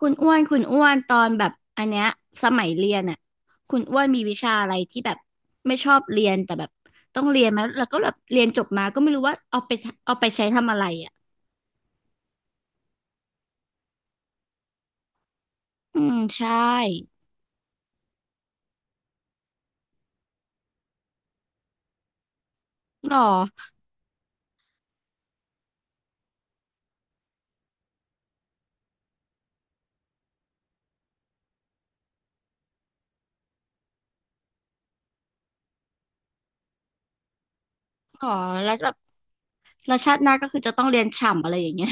คุณอ้วน คุณอ้วน ตอนแบบอันเนี้ยสมัยเรียนอ่ะคุณอ้วนมีวิชาอะไรที่แบบไม่ชอบเรียนแต่แบบต้องเรียนมาแล้วก็แบบเรียนจบมาก็ไม่รู้ว่าเอาไปเอาไปใช้ทำอะไรอ่ะอืมใช่หรอหรอแล้วแบบแล้วชาติหน้าก็คือจะต้องเรียนฉ่ำอะไรอย่างเงี้ย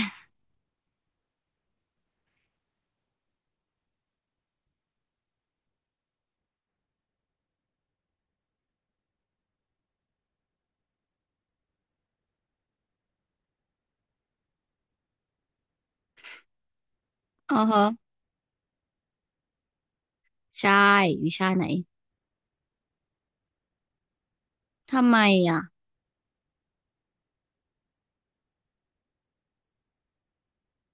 อ๋อฮะใช่วิชาไหนทำไมอ่ะ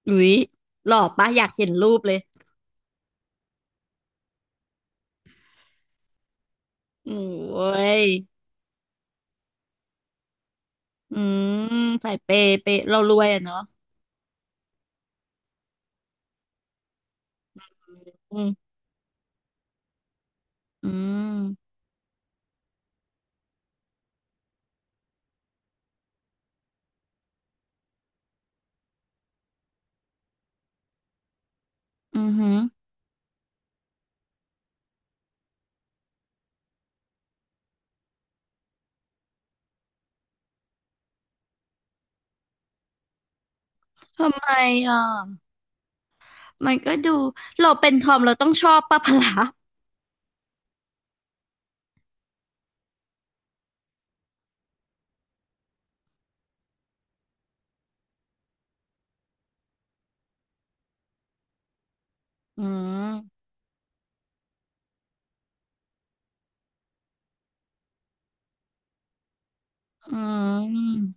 อุ๊ยหล่อปะอยากเห็นรูปเลยโอ้ยอืมใส่เปเปเรารวยอ่ะเนาะอืมอืมอือหือ ทำไมอ่ะมันก็ดูเราเป็นทอมเราต้องชอบป้าพละอืมอืม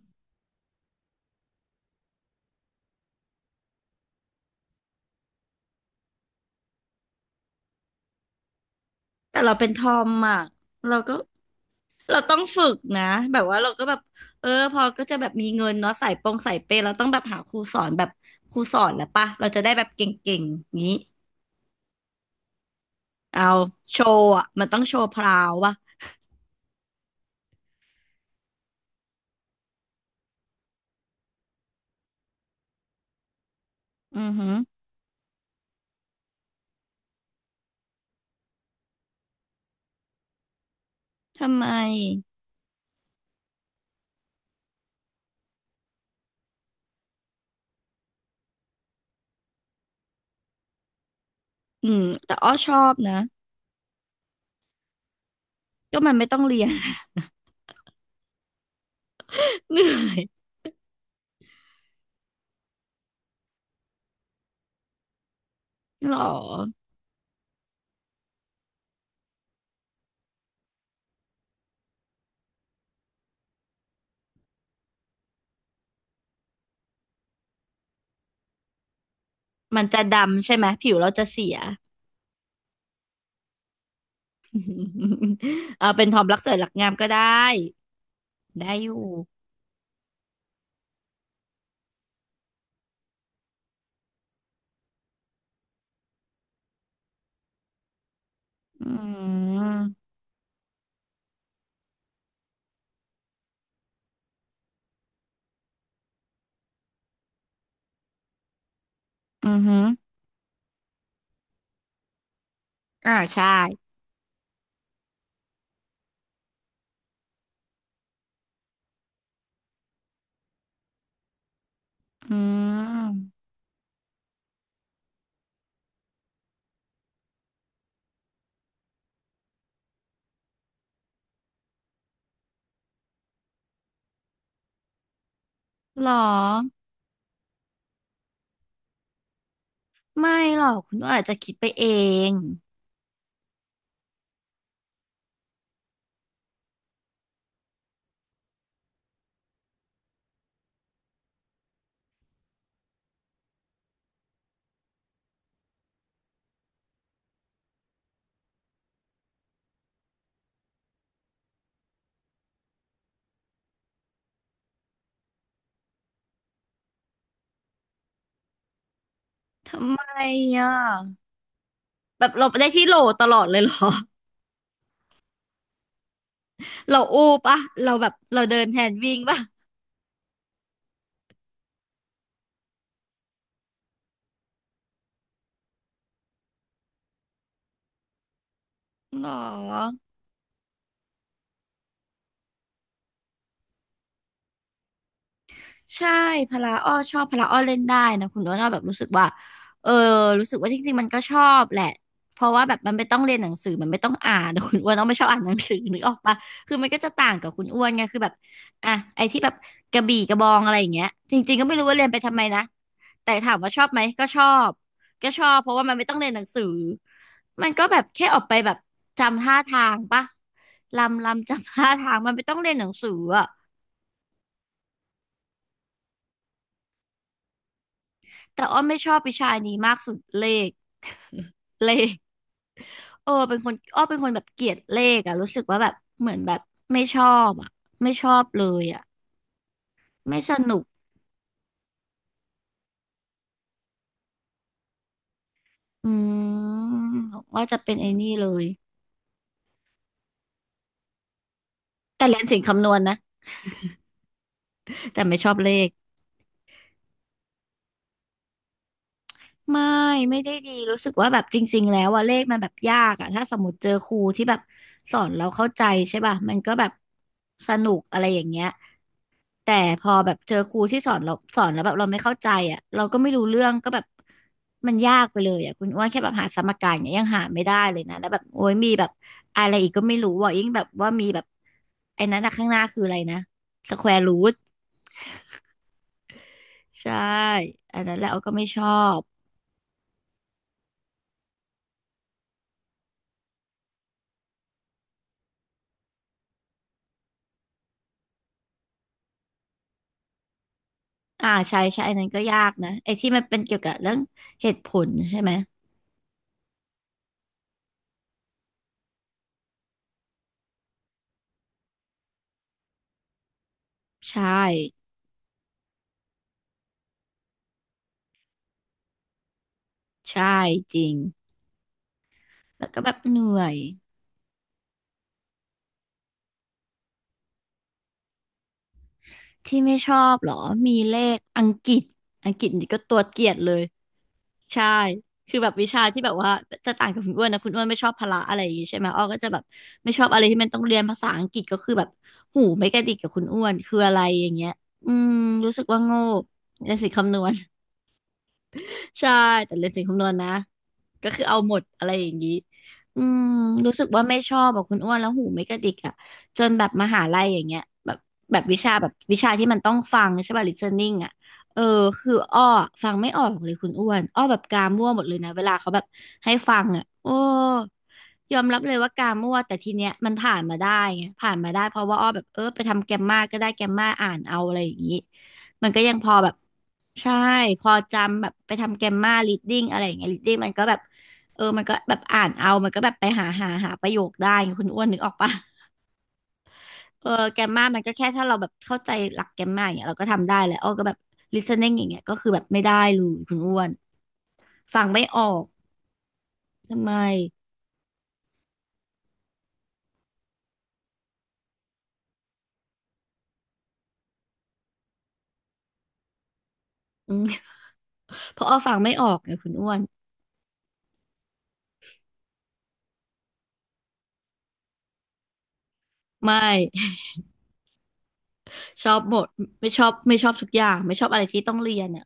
แต่เราเป็นทอมอ่ะเราก็เราต้องฝึกนะแบบว่าเราก็แบบ เออพอก็จะแบบมีเงินเนาะสายปงสายเปย์เราต้องแบบหาครูสอนแบบครูสอนแล้วปะเราจะได้แบบเก่งๆอย่างนี้เอาโชว์อ่ะมันต้องโชว์พราววะอือหือทำไมอืมแต่อ้อชอบนะ ก็มันไม่ต้องเรียน เหนื่อยหรอมันจะดำใช่ไหมผิวเราจะเสีย เอาเป็นทอมรักสวยรักงามก็ได้ได้อยู่ อืมอือหืออ่าใช่ อืมหรอไม่หรอกคุณอ้วนอาจจะคิดไปเองทำไมอ่ะแบบเราไปได้ที่โหลตลอดเลยเหรอ เราอู้ปะเราแบบเราเดินแทนวิ่งปะหรอ ใช่พละอ้อชอบพละอ้อเล่นได้นะคุณโน้ตอ้อแบบรู้สึกว่าเออรู้สึกว่าจริงๆมันก็ชอบแหละเพราะว่าแบบมันไม่ต้องเรียนหนังสือมันไม่ต้องอ่านแต่คุณอ้วนอ้อไม่ชอบอ่านหนังสือนึกออกปะคือมันก็จะต่างกับคุณอ้วนไงคือแบบอ่ะไอ้ที่แบบกระบี่กระบองอะไรอย่างเงี้ยจริงๆก็ไม่รู้ว่าเรียนไปทำไมนะแต่ถามว่าชอบไหมก็ชอบก็ชอบเพราะว่ามันไม่ต้องเรียนหนังสือมันก็แบบแค่ออกไปแบบจำท่าทางปะจำท่าทางมันไม่ต้องเรียนหนังสืออะ แต่อ้อไม่ชอบวิชานี้มากสุดเลข เลขเออเป็นคนอ้อเป็นคนแบบเกลียดเลขอะรู้สึกว่าแบบเหมือนแบบไม่ชอบอะไม่ชอบเลยอะไม่สนุกอืมว่าจะเป็นไอ้นี่เลยแต่เรียนสิ่งคำนวณนะแต่ไม่ชอบเลขไม่ไม่ได้ดีรู้สึกว่าแบบจริงๆแล้วอะเลขมันแบบยากอะถ้าสมมติเจอครูที่แบบสอนเราเข้าใจใช่ป่ะมันก็แบบสนุกอะไรอย่างเงี้ย แต่พอแบบเจอครูที่สอนเราสอนแล้วแบบเราไม่เข้าใจอ่ะเราก็ไม่รู้เรื่องก็แบบมันยากไปเลยอ่ะคุณอ้วนแค่แบบหาสมการเนี่ยยังหาไม่ได้เลยนะแล้วแบบโอ้ยมีแบบอะไรอีกก็ไม่รู้ว่ายิ่งแบบว่ามีแบบไอ้นั้นอะข้างหน้าคืออะไรนะสแควร์รูทใช่อันนั้นแหละเราก็ไม่ชอบอ่าใช่ใช่อันนั้นก็ยากนะไอ้ที่มันเป็นเกี่ยวกับเรื่องเหตุผลใช่ไหมใช่ใช่จริงแล้วก็แบบเหนื่อย ที่ไม่ชอบเหรอ มีเลขอังกฤษอังกฤษนี่ก็ตัวเกลียดเลย ใช่ คือแบบวิชาที่แบบว่าจะต่างกับคุณอ้วนนะคุณอ้วนไม่ชอบพละอะไรอย่างงี้ใช่ไหมอ้อก็จะแบบไม่ชอบอะไรที่มันต้องเรียนภาษาอังกฤษก็คือแบบหูไม่กระดิกกับคุณอ้วนคืออะไรอย่างเงี้ยอืมรู้สึกว่าโง่ในสิ่งคำนวณ ใช่แต่เรียนสิ่งคำนวณนะก็คือเอาหมดอะไรอย่างนี้อืมรู้สึกว่าไม่ชอบแบบคุณอ้วนแล้วหูไม่กระดิกอ่ะจนแบบมหาลัยอย่างเงี้ยแบบแบบวิชาที่มันต้องฟังใช่ป่ะ listening อ่ะเออคืออ้อฟังไม่ออกเลยคุณอ้วนอ้อแบบกามั่วหมดเลยนะเวลาเขาแบบให้ฟังอ่ะโอ้ยอมรับเลยว่ากามั่วแต่ทีเนี้ยมันผ่านมาได้ไงผ่านมาได้เพราะว่าอ้อแบบเออไปทำแกมมาก็ได้แกมมาอ่านเอาอะไรอย่างนี้มันก็ยังพอแบบ ใช่พอจำแบบไปทำแกมมา reading อะไรอย่างเงี้ย reading มันก็แบบเออมันก็แบบอ่านเอามันก็แบบไปหาประโยคได้ไงคุณอ้วนนึกออกปะเออแกมมามันก็แค่ถ้าเราแบบเข้าใจหลักแกมมาอย่างเงี้ยเราก็ทำได้แหละอ้อก็แบบ listening อย่างเงี้ยก็คือแบบไม่ได้เลยคุณอ้วนฟังไม่ออกทำไมอืม เพราะอ้อฟังไม่ออกไงคุณอ้วนไม่ ชอบหมดไม่ชอบไม่ชอบทุกอย่างไม่ชอบอะไรที่ต้องเรียนอะ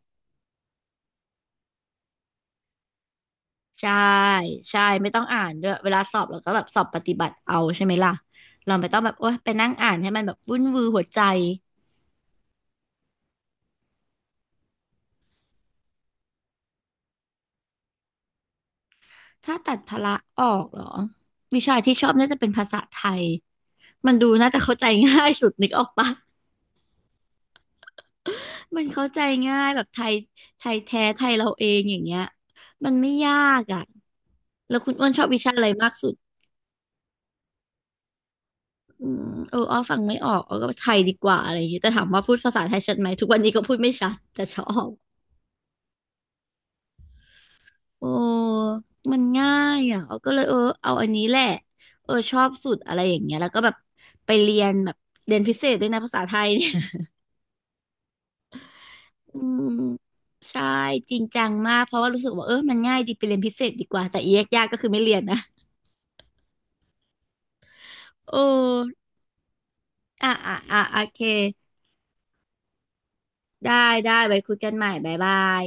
ใช่ใช่ไม่ต้องอ่านด้วยเวลาสอบเราก็แบบสอบปฏิบัติเอาใช่ไหมล่ะเราไม่ต้องแบบโอ๊ยไปนั่งอ่านให้มันแบบวุ่นวือหัวใจถ้าตัดพละออกเหรอวิชาที่ชอบน่าจะเป็นภาษาไทยมันดูน่าจะเข้าใจง่ายสุดนึกออกปะมันเข้าใจง่ายแบบไทยไทยแท้ไทยเราเองอย่างเงี้ยมันไม่ยากอ่ะแล้วคุณอ้วนชอบวิชาอะไรมากสุดอืมเอออ้อฟังไม่ออกอ้อก็ไทยดีกว่าอะไรอย่างเงี้ยแต่ถามว่าพูดภาษาไทยชัดไหมทุกวันนี้ก็พูดไม่ชัดแต่ชอบ โอ้มันง่ายอ่ะ เอาก็เลยเออเอาอันนี้แหละเออชอบสุดอะไรอย่างเงี้ย แล้วก็แบบไปเรียนแบบเรียนพิเศษด้วยนะภาษาไทยเนี่ย อืมใช่จริงจังมากเพราะว่ารู้สึกว่าเออมันง่ายดีไปเรียนพิเศษดีกว่าแต่เอกยากก็คือไม่เรียนนะ โอ้อ่ะอ่ะอ่ะโอเคได้ได้ไว้คุยกันใหม่บ๊ายบาย